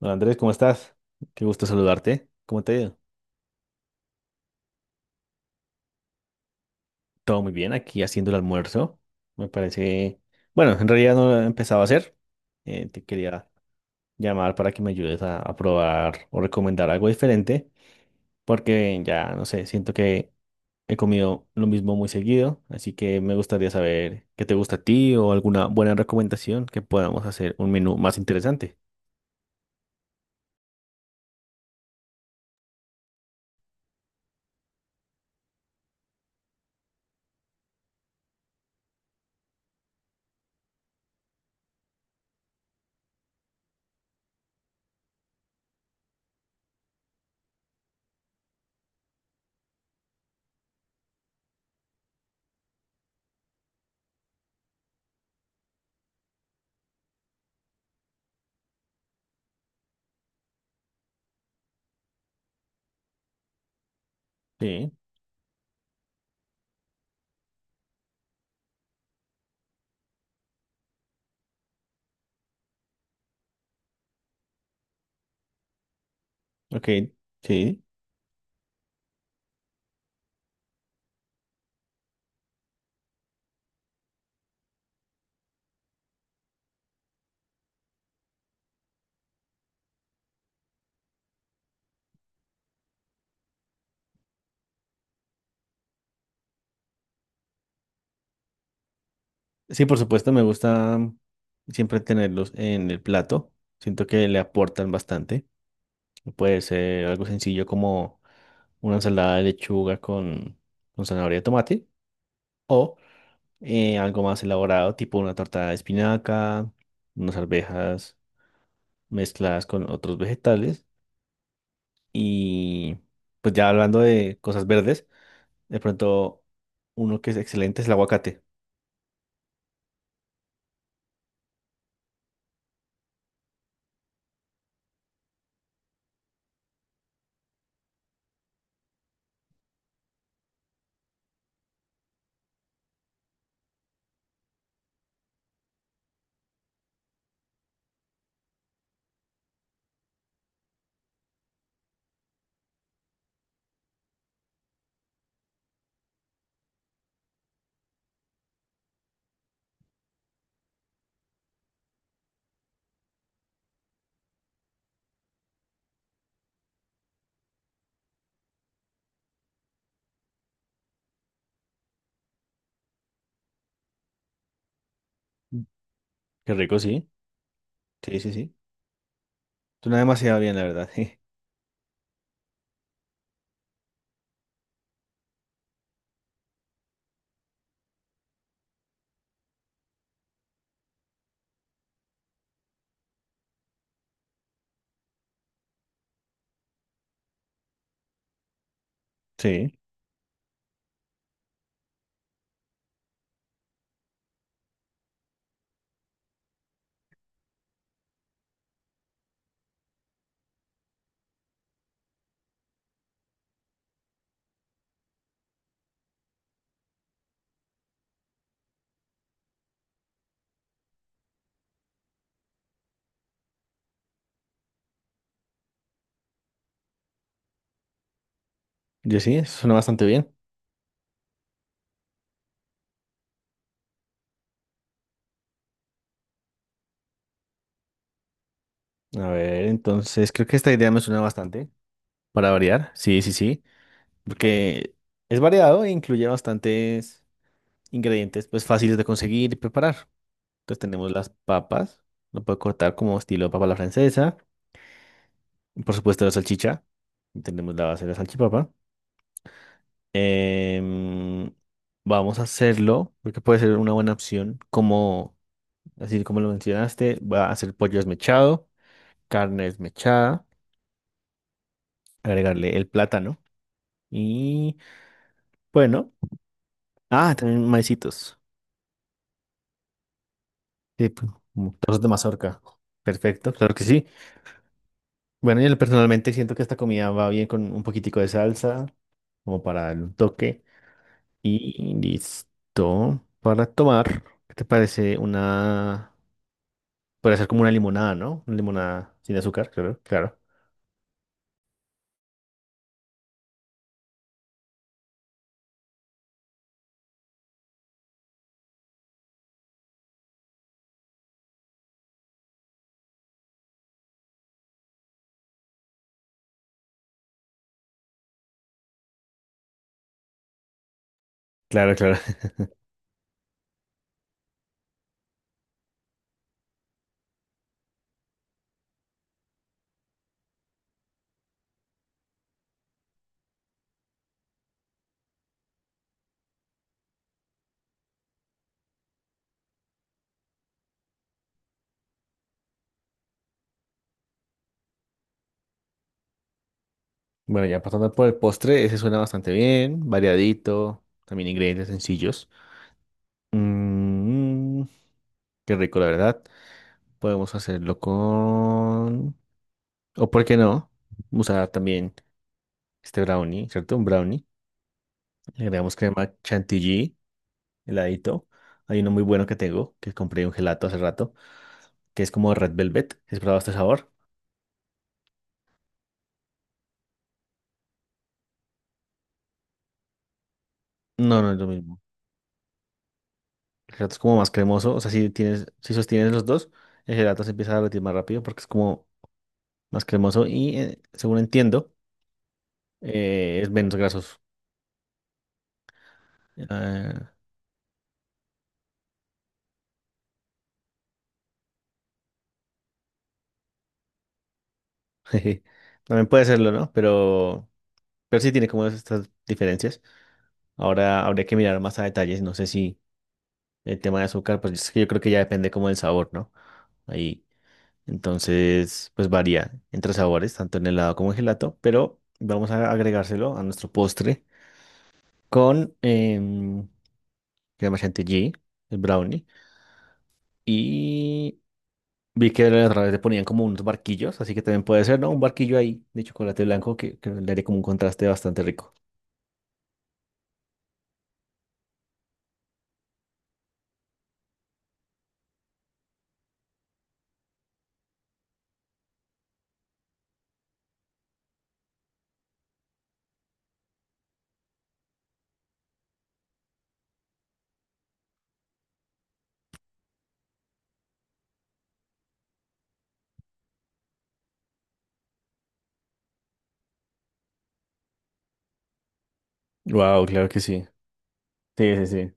Hola Andrés, ¿cómo estás? Qué gusto saludarte. ¿Cómo te ha ido? Todo muy bien, aquí haciendo el almuerzo. Me parece, bueno, en realidad no lo he empezado a hacer. Te quería llamar para que me ayudes a probar o recomendar algo diferente, porque ya, no sé, siento que he comido lo mismo muy seguido, así que me gustaría saber qué te gusta a ti o alguna buena recomendación que podamos hacer un menú más interesante. Sí, ok, sí. Sí, por supuesto, me gusta siempre tenerlos en el plato. Siento que le aportan bastante. Puede ser algo sencillo como una ensalada de lechuga con zanahoria y tomate o algo más elaborado, tipo una torta de espinaca, unas arvejas mezcladas con otros vegetales. Y pues ya hablando de cosas verdes, de pronto uno que es excelente es el aguacate. Qué rico, sí. Sí, sí, sí. Suena demasiado bien, la verdad. Sí. Yo sí, eso suena bastante bien. A ver, entonces creo que esta idea me suena bastante para variar. Sí, sí, sí. Porque es variado e incluye bastantes ingredientes pues fáciles de conseguir y preparar. Entonces tenemos las papas, lo puedo cortar como estilo papa a la francesa. Y por supuesto la salchicha. Tenemos la base de la salchipapa. Em, Vamos a hacerlo, porque puede ser una buena opción. Como, así como lo mencionaste, va a hacer pollo desmechado, carne desmechada, agregarle el plátano. Y bueno, ah, también maicitos. Sí, pues, como trozos de mazorca. Perfecto, claro que sí. Bueno, yo personalmente siento que esta comida va bien con un poquitico de salsa, como para darle un toque. Y listo. Para tomar, ¿qué te parece una... Puede ser como una limonada, ¿no? Una limonada sin azúcar, claro, claro. Claro, claro. Bueno, ya pasando por el postre, ese suena bastante bien, variadito, también ingredientes sencillos. Mm, qué rico, la verdad. Podemos hacerlo con... ¿O por qué no? Usar también este brownie, ¿cierto? Un brownie. Le agregamos crema chantilly, heladito. Hay uno muy bueno que tengo, que compré un gelato hace rato, que es como Red Velvet. ¿Has probado este sabor? No, no es lo mismo. El gelato es como más cremoso. O sea, si tienes, si sostienes los dos, el gelato se empieza a derretir más rápido porque es como más cremoso y según entiendo, es menos grasoso. Ah, jeje. También puede serlo, ¿no? Pero sí tiene como estas diferencias. Ahora habría que mirar más a detalles. No sé si el tema de azúcar, pues es que yo creo que ya depende como del sabor, ¿no? Ahí. Entonces, pues varía entre sabores, tanto en helado como en gelato. Pero vamos a agregárselo a nuestro postre con crema chantilly, el brownie. Y vi que a través le ponían como unos barquillos, así que también puede ser, ¿no? Un barquillo ahí de chocolate blanco que le daría como un contraste bastante rico. Wow, claro que sí. Sí, sí, sí.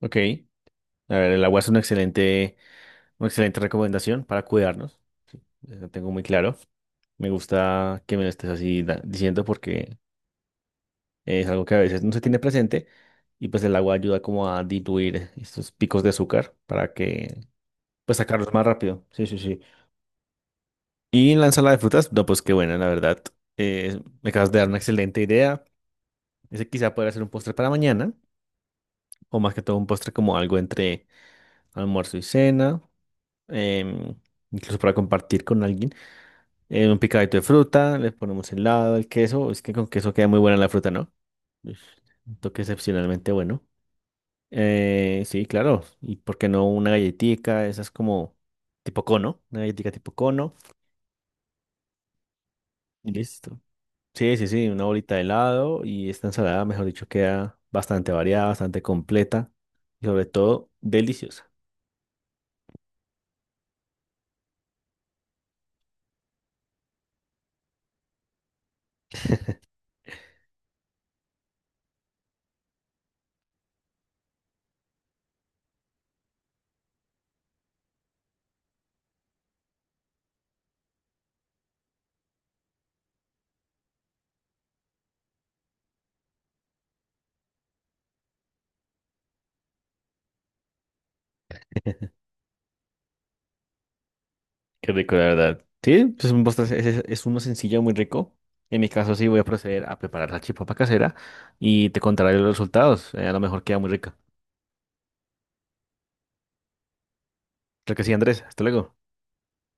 Ok. A ver, el agua es una excelente recomendación para cuidarnos. Lo tengo muy claro. Me gusta que me lo estés así diciendo porque es algo que a veces no se tiene presente y pues el agua ayuda como a diluir estos picos de azúcar para que pues sacarlos más rápido. Sí, sí, sí. Y en la ensalada de frutas, no, pues qué buena, la verdad. Me acabas de dar una excelente idea. Ese quizá podría ser un postre para mañana o más que todo un postre como algo entre almuerzo y cena, em, incluso para compartir con alguien. Un picadito de fruta, le ponemos helado, el queso. Es que con queso queda muy buena la fruta, ¿no? Ush, un toque excepcionalmente bueno. Sí, claro. ¿Y por qué no una galletica? Esa es como tipo cono, una galletica tipo cono. Y listo. Sí, sí, sí, una bolita de helado y esta ensalada, mejor dicho, queda bastante variada, bastante completa y sobre todo deliciosa. Qué rico, la verdad. Sí, pues es, un es, es uno sencillo, muy rico. En mi caso, sí voy a proceder a preparar la chipapa casera y te contaré los resultados. A lo mejor queda muy rica. Creo que sí, Andrés. Hasta luego.